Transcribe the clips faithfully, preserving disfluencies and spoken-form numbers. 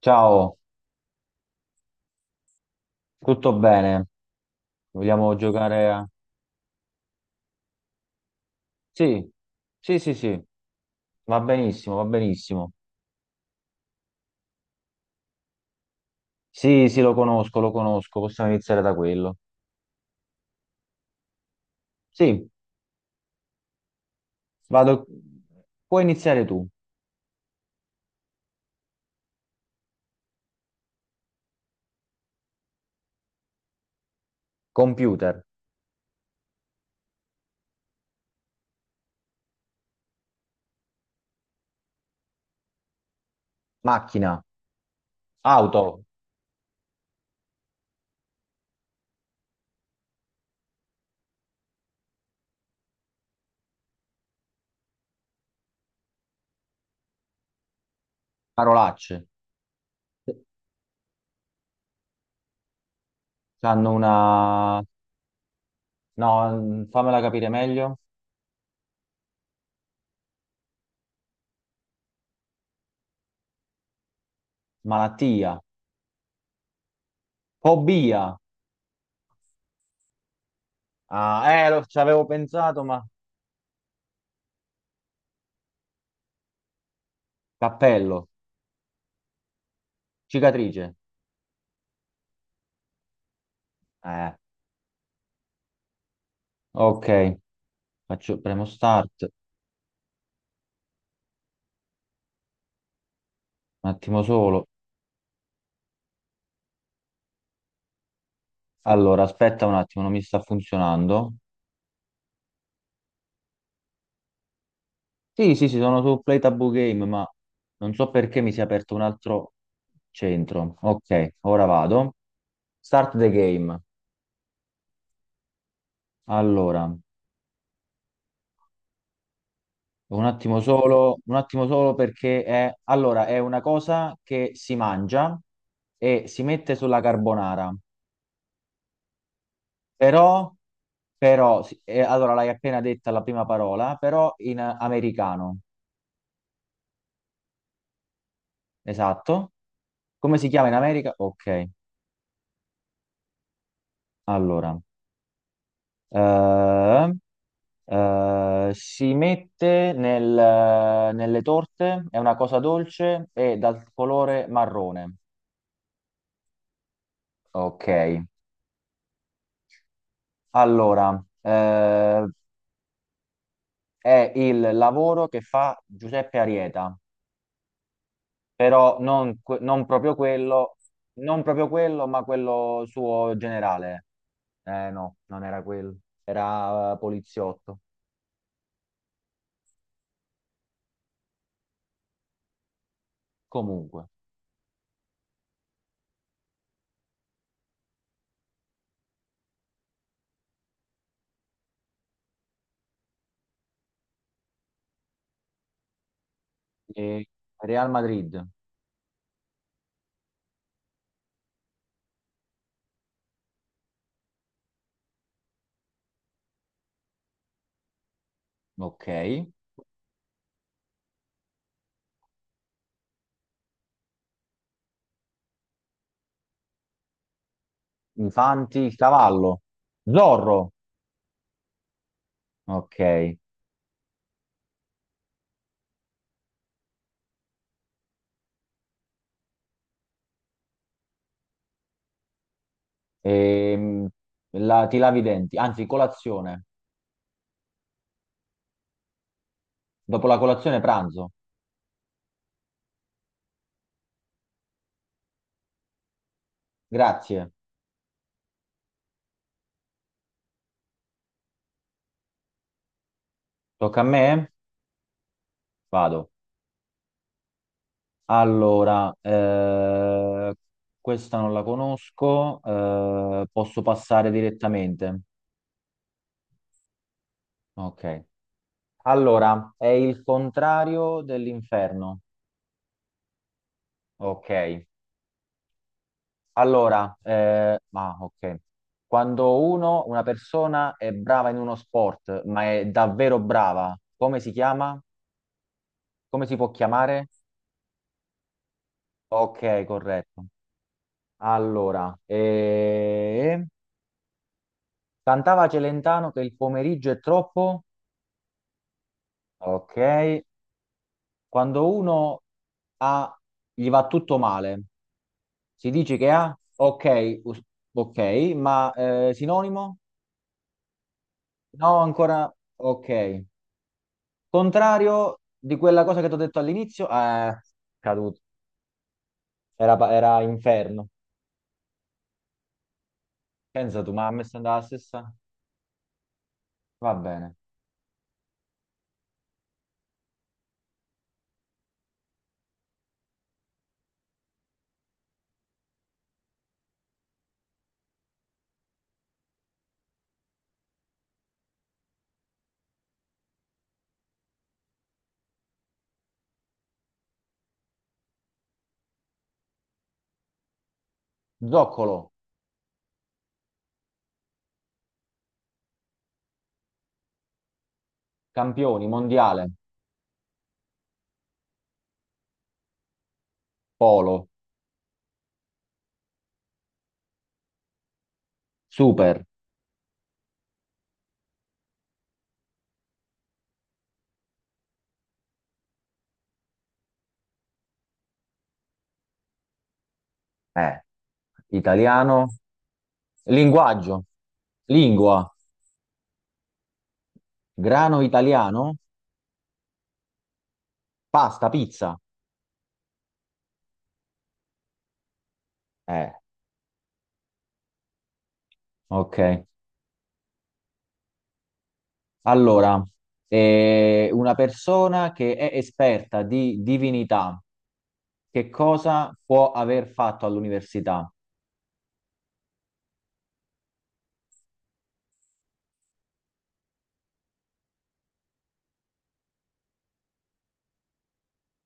Ciao, tutto bene? Vogliamo giocare a. Sì, sì, sì, sì, va benissimo, va benissimo. Sì, sì, lo conosco, lo conosco, possiamo iniziare da quello. Sì, vado. Puoi iniziare tu. Computer, macchina, auto, parolacce. Hanno una. No, fammela capire meglio. Malattia, fobia. Ah, eh, lo- ci avevo pensato, ma. Cappello, cicatrice. Eh, ok. Faccio, premo start, un attimo solo. Allora, aspetta un attimo, non mi sta funzionando. Sì, sì, sì, sono su Play Taboo Game, ma non so perché mi si è aperto un altro centro. Ok, ora vado. Start the game. Allora, un attimo solo, un attimo solo perché è. Allora, è una cosa che si mangia e si mette sulla carbonara. Però, però, sì, eh, allora l'hai appena detta la prima parola, però in eh, americano. Esatto. Come si chiama in America? Ok, allora, eh, eh, si mette nel- nelle torte, è una cosa dolce e dal colore marrone. Ok, allora, eh, è il lavoro che fa Giuseppe Arieta, però non, que- non proprio quello, non proprio quello, ma quello suo generale. Eh no, non era quello, era eh, poliziotto. Comunque, eh, Real Madrid, ok. Infanti, il cavallo. Zorro, ok. Ehm, la- ti lavi i denti, anzi, colazione. Dopo la colazione, pranzo. Grazie. Tocca a me? Vado. Allora, eh, questa non la conosco, eh, posso passare direttamente. Ok. Allora, è il contrario dell'inferno. Ok. Allora, eh, ma ok. Quando uno, una persona è brava in uno sport, ma è davvero brava, come si chiama? Come si può chiamare? Ok, corretto. Allora, eh, cantava Celentano che il pomeriggio è troppo. Ok. Quando uno ha, gli va tutto male, si dice che ha? Ok, us- ok, ma eh, sinonimo? No, ancora ok. Contrario di quella cosa che ti ho detto all'inizio, eh, caduto. Era, pa- era inferno. Pensa tu, ma a me sta andando la stessa? Va bene. Zoccolo, campioni, mondiale, polo, super, eh, italiano, linguaggio, lingua, grano italiano, pasta, pizza. Eh, ok. Allora, eh, una persona che è esperta di divinità, che cosa può aver fatto all'università?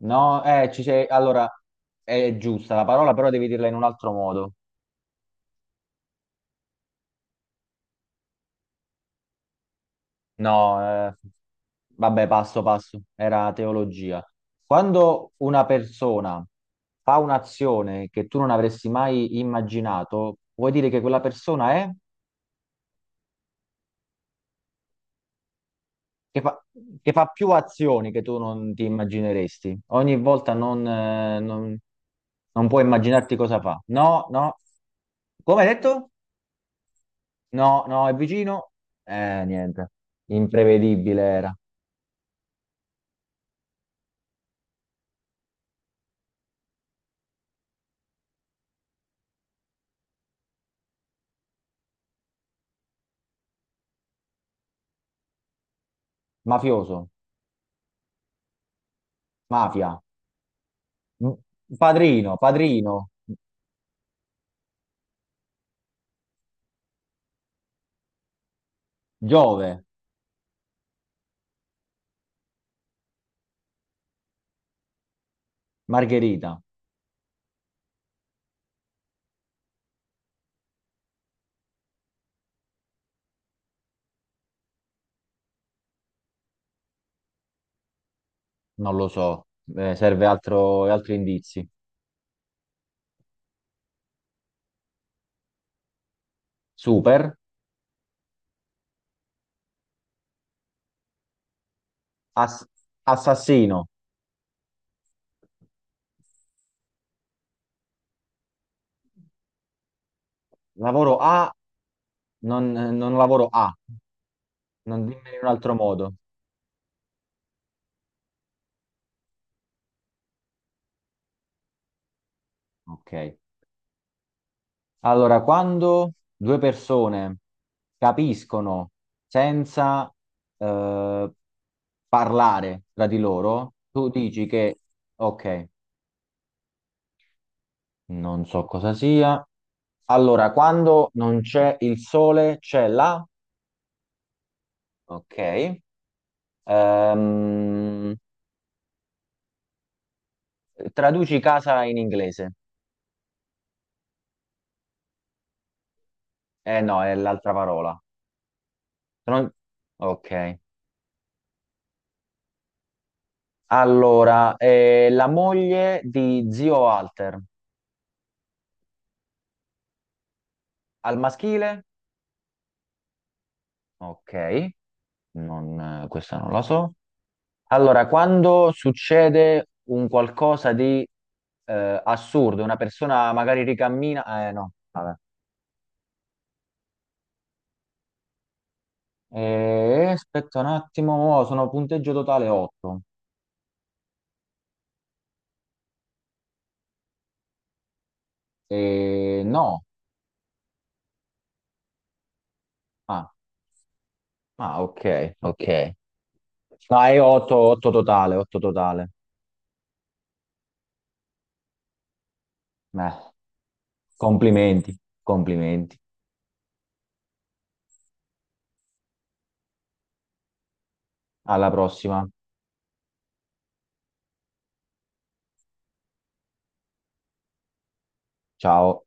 No, eh, ci sei. Allora, è giusta la parola, però devi dirla in un altro modo. No, eh, vabbè, passo passo, era teologia. Quando una persona fa un'azione che tu non avresti mai immaginato, vuoi dire che quella persona è? che fa, che fa più azioni che tu non ti immagineresti. Ogni volta non, eh, non- non puoi immaginarti cosa fa. No, no. Come hai detto? No, no, è vicino. Eh, niente. Imprevedibile era. Mafioso, mafia, M- padrino, padrino, Giove, Margherita. Non lo so. Eh, serve altro, altri indizi. Super, Ass- assassino, lavoro A, non, non lavoro A. Non dimmi in un altro modo. Ok. Allora, quando due persone capiscono senza eh, parlare tra di loro, tu dici che, ok, non so cosa sia. Allora, quando non c'è il sole, c'è la. Ok. Ehm, traduci casa in inglese. Eh no, è l'altra parola. Non- Ok. Allora, eh, la moglie di zio Walter, al maschile? Ok, non- eh, questa non la so. Allora, quando succede un qualcosa di eh, assurdo, una persona magari ricammina. Eh, no, vabbè. Eh, aspetta un attimo, mo sono punteggio totale otto. Eh, no. Ah, ah, ok, ok. No, è otto, otto totale, otto totale. Beh, complimenti, complimenti. Alla prossima. Ciao.